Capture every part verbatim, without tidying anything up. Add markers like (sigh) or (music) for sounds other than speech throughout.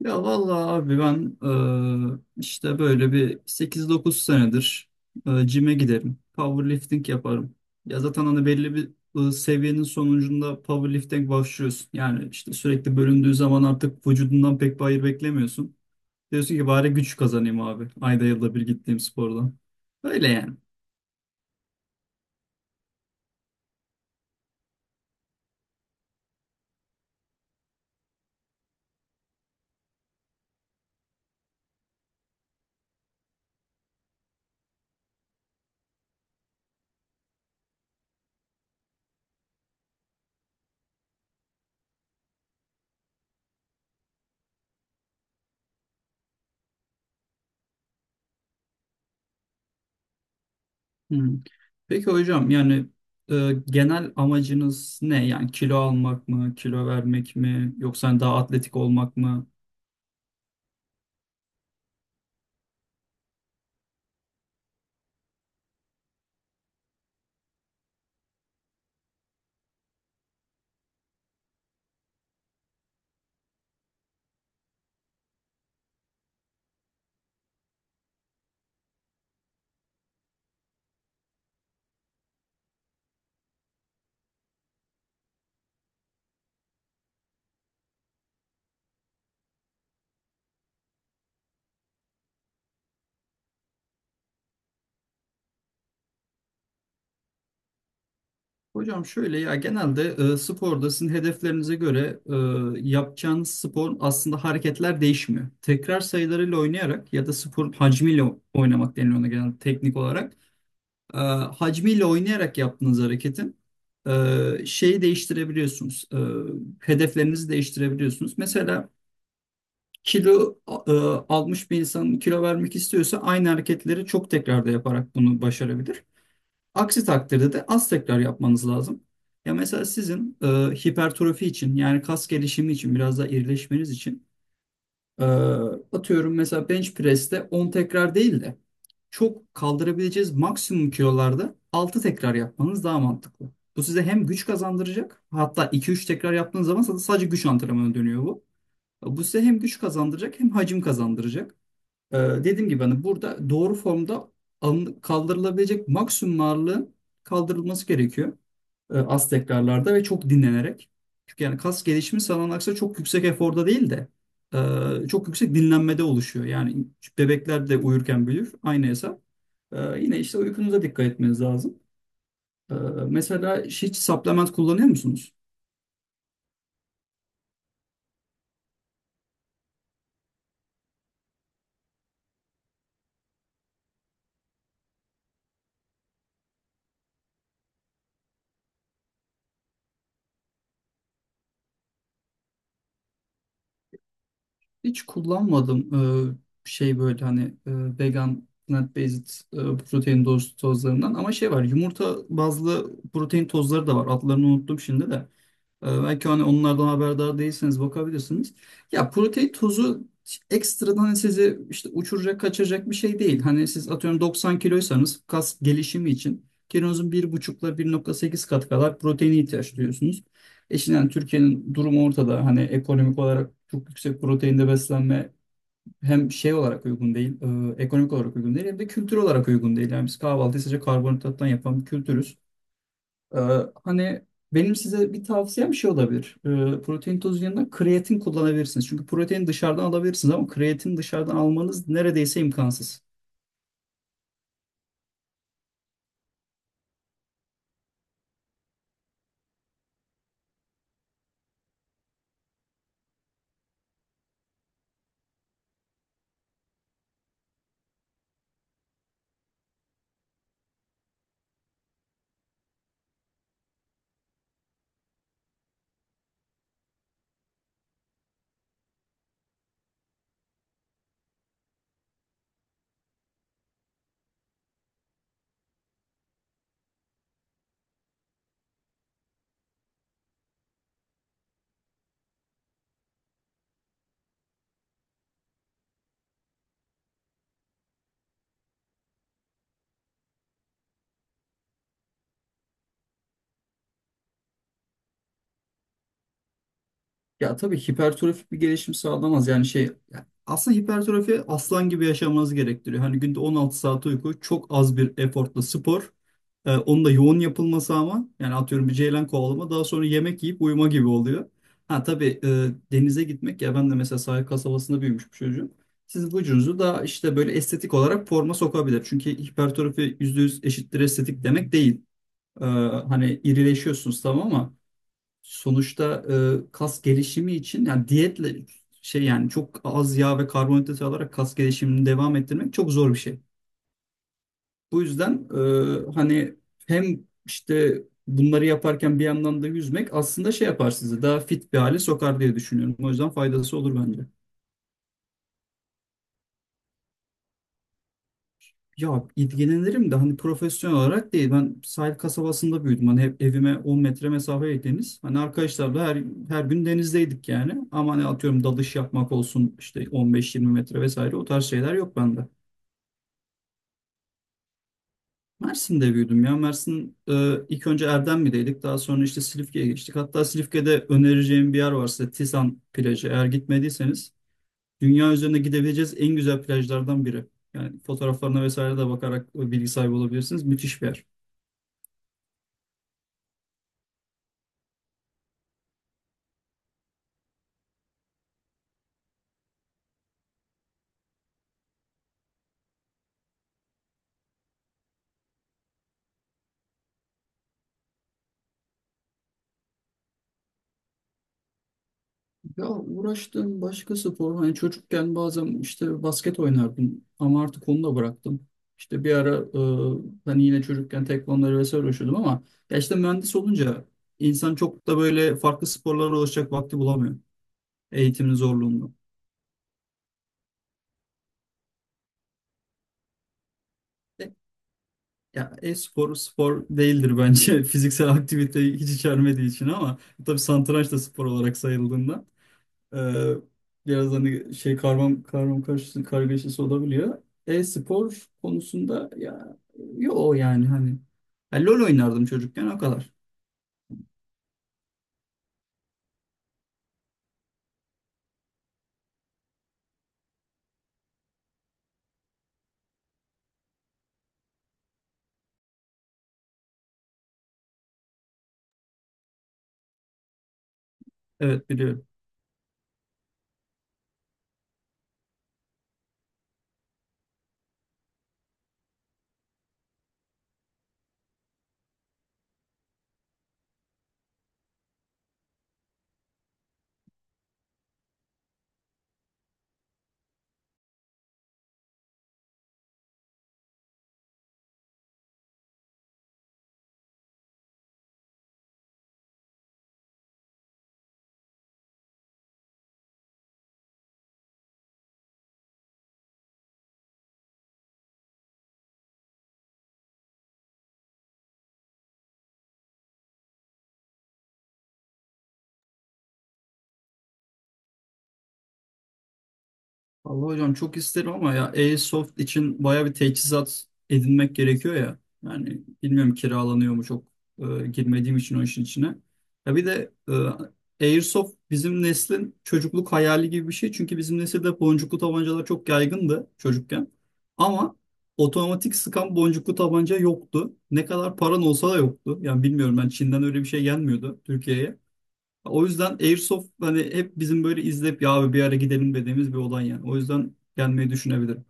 Ya vallahi abi ben eee, işte böyle bir sekiz dokuz senedir eee, cime giderim. Powerlifting yaparım. Ya zaten hani belli bir eee, seviyenin sonucunda powerlifting başlıyorsun. Yani işte sürekli bölündüğü zaman artık vücudundan pek bir hayır beklemiyorsun. Diyorsun ki bari güç kazanayım abi. Ayda yılda bir gittiğim spordan. Öyle yani. Hmm. Peki hocam yani e, genel amacınız ne? Yani kilo almak mı, kilo vermek mi, yoksa hani daha atletik olmak mı? Hocam şöyle ya genelde e, sporda sizin hedeflerinize göre e, yapacağınız spor aslında hareketler değişmiyor. Tekrar sayılarıyla oynayarak ya da spor hacmiyle o- oynamak deniliyor ona genelde teknik olarak. E, Hacmiyle oynayarak yaptığınız hareketin e, şeyi değiştirebiliyorsunuz. E, hedeflerinizi değiştirebiliyorsunuz. Mesela kilo e, almış bir insan kilo vermek istiyorsa aynı hareketleri çok tekrarda yaparak bunu başarabilir. Aksi takdirde de az tekrar yapmanız lazım. Ya mesela sizin e, hipertrofi için yani kas gelişimi için biraz daha irileşmeniz için e, atıyorum mesela bench press'te on tekrar değil de çok kaldırabileceğiz maksimum kilolarda altı tekrar yapmanız daha mantıklı. Bu size hem güç kazandıracak, hatta iki üç tekrar yaptığınız zaman sadece güç antrenmanı dönüyor bu. Bu size hem güç kazandıracak hem hacim kazandıracak. Ee, dediğim gibi hani burada doğru formda alın- kaldırılabilecek maksimum ağırlığın kaldırılması gerekiyor, e, az tekrarlarda ve çok dinlenerek. Çünkü yani kas gelişimi sanılan aksine çok yüksek eforda değil de e, çok yüksek dinlenmede oluşuyor. Yani bebekler de uyurken büyür, aynı hesap. E, yine işte uykunuza dikkat etmeniz lazım. E, Mesela hiç supplement kullanıyor musunuz? Hiç kullanmadım e, şey böyle hani e, vegan plant based e, protein toz, tozlarından, ama şey var, yumurta bazlı protein tozları da var. Adlarını unuttum şimdi de. ee, Belki hani onlardan haberdar değilseniz bakabilirsiniz. Ya protein tozu ekstradan hani sizi işte uçuracak, kaçıracak bir şey değil. Hani siz atıyorum doksan kiloysanız kas gelişimi için kilonuzun bir buçuk ile bir nokta sekiz kat kadar proteine ihtiyaç duyuyorsunuz. E şimdi yani Türkiye'nin durumu ortada. Hani ekonomik olarak çok yüksek proteinde beslenme hem şey olarak uygun değil, e, ekonomik olarak uygun değil, hem de kültür olarak uygun değil. Yani biz kahvaltıyı sadece karbonhidrattan yapan bir kültürüz. Ee, Hani benim size bir tavsiyem şey olabilir. Ee, protein tozu yanında kreatin kullanabilirsiniz. Çünkü protein dışarıdan alabilirsiniz ama kreatin dışarıdan almanız neredeyse imkansız. Ya tabii hipertrofik bir gelişim sağlamaz. Yani şey, yani aslında hipertrofi aslan gibi yaşamanızı gerektiriyor. Hani günde on altı saat uyku, çok az bir efortla spor. Ee, onun da yoğun yapılması, ama yani atıyorum bir ceylan kovalama daha sonra yemek yiyip uyuma gibi oluyor. Ha tabii e, denize gitmek, ya ben de mesela sahil kasabasında büyümüş bir çocuğum. Siz vücudunuzu daha işte böyle estetik olarak forma sokabilir. Çünkü hipertrofi yüzde yüz eşittir estetik demek değil. Ee, Hani irileşiyorsunuz tamam ama sonuçta e, kas gelişimi için, yani diyetle şey yani çok az yağ ve karbonhidrat alarak kas gelişimini devam ettirmek çok zor bir şey. Bu yüzden e, hani hem işte bunları yaparken bir yandan da yüzmek aslında şey yapar, sizi daha fit bir hale sokar diye düşünüyorum. O yüzden faydası olur bence. Ya ilgilenirim de hani profesyonel olarak değil. Ben sahil kasabasında büyüdüm. Hani hep evime on metre mesafe deniz. Hani arkadaşlarla her her gün denizdeydik yani. Ama hani atıyorum dalış yapmak olsun işte on beş yirmi metre vesaire, o tarz şeyler yok bende. Mersin'de büyüdüm ya. Mersin e, ilk önce Erdemli'deydik. Daha sonra işte Silifke'ye geçtik. Hatta Silifke'de önereceğim bir yer var size. Tisan plajı. Eğer gitmediyseniz, dünya üzerinde gidebileceğiz en güzel plajlardan biri. Yani fotoğraflarına vesaire de bakarak bilgi sahibi olabilirsiniz. Müthiş bir yer. Ya uğraştığım başka spor, hani çocukken bazen işte basket oynardım ama artık onu da bıraktım. İşte bir ara e, hani yine çocukken tekvandoyla vesaire uğraşıyordum ama ya işte mühendis olunca insan çok da böyle farklı sporlara ulaşacak vakti bulamıyor eğitimin zorluğunda. E, Ya e-spor spor değildir bence (laughs) fiziksel aktivite hiç içermediği için, ama tabii satranç da spor olarak sayıldığında. Ee, Biraz hani şey karmam karmam karışısı kargaşası olabiliyor e-spor konusunda. Ya yo yani hani ya LoL oynardım çocukken, o kadar. Evet, biliyorum. Vallahi hocam çok isterim ama ya Airsoft için baya bir teçhizat edinmek gerekiyor ya. Yani bilmiyorum kiralanıyor mu, çok e, girmediğim için o işin içine. Ya bir de e, Airsoft bizim neslin çocukluk hayali gibi bir şey. Çünkü bizim nesilde boncuklu tabancalar çok yaygındı çocukken. Ama otomatik sıkan boncuklu tabanca yoktu. Ne kadar paran olsa da yoktu. Yani bilmiyorum, ben Çin'den öyle bir şey gelmiyordu Türkiye'ye. O yüzden Airsoft hani hep bizim böyle izleyip ya abi bir ara gidelim dediğimiz bir olay yani. O yüzden gelmeyi düşünebilirim.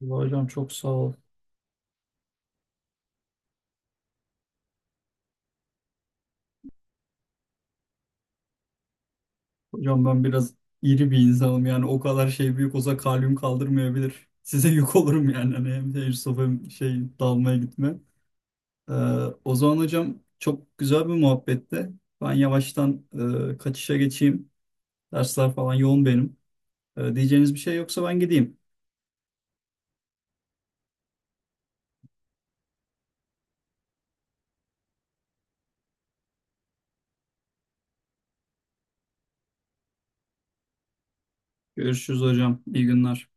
Vallahi hocam çok sağ ol. Hocam ben biraz iri bir insanım, yani o kadar şey büyük olsa kalbim kaldırmayabilir. Size yük olurum yani hani, hem Airsoft hem şey dalmaya gitme. Ee, O zaman hocam çok güzel bir muhabbetti. Ben yavaştan e, kaçışa geçeyim. Dersler falan yoğun benim. Ee, diyeceğiniz bir şey yoksa ben gideyim. Görüşürüz hocam. İyi günler.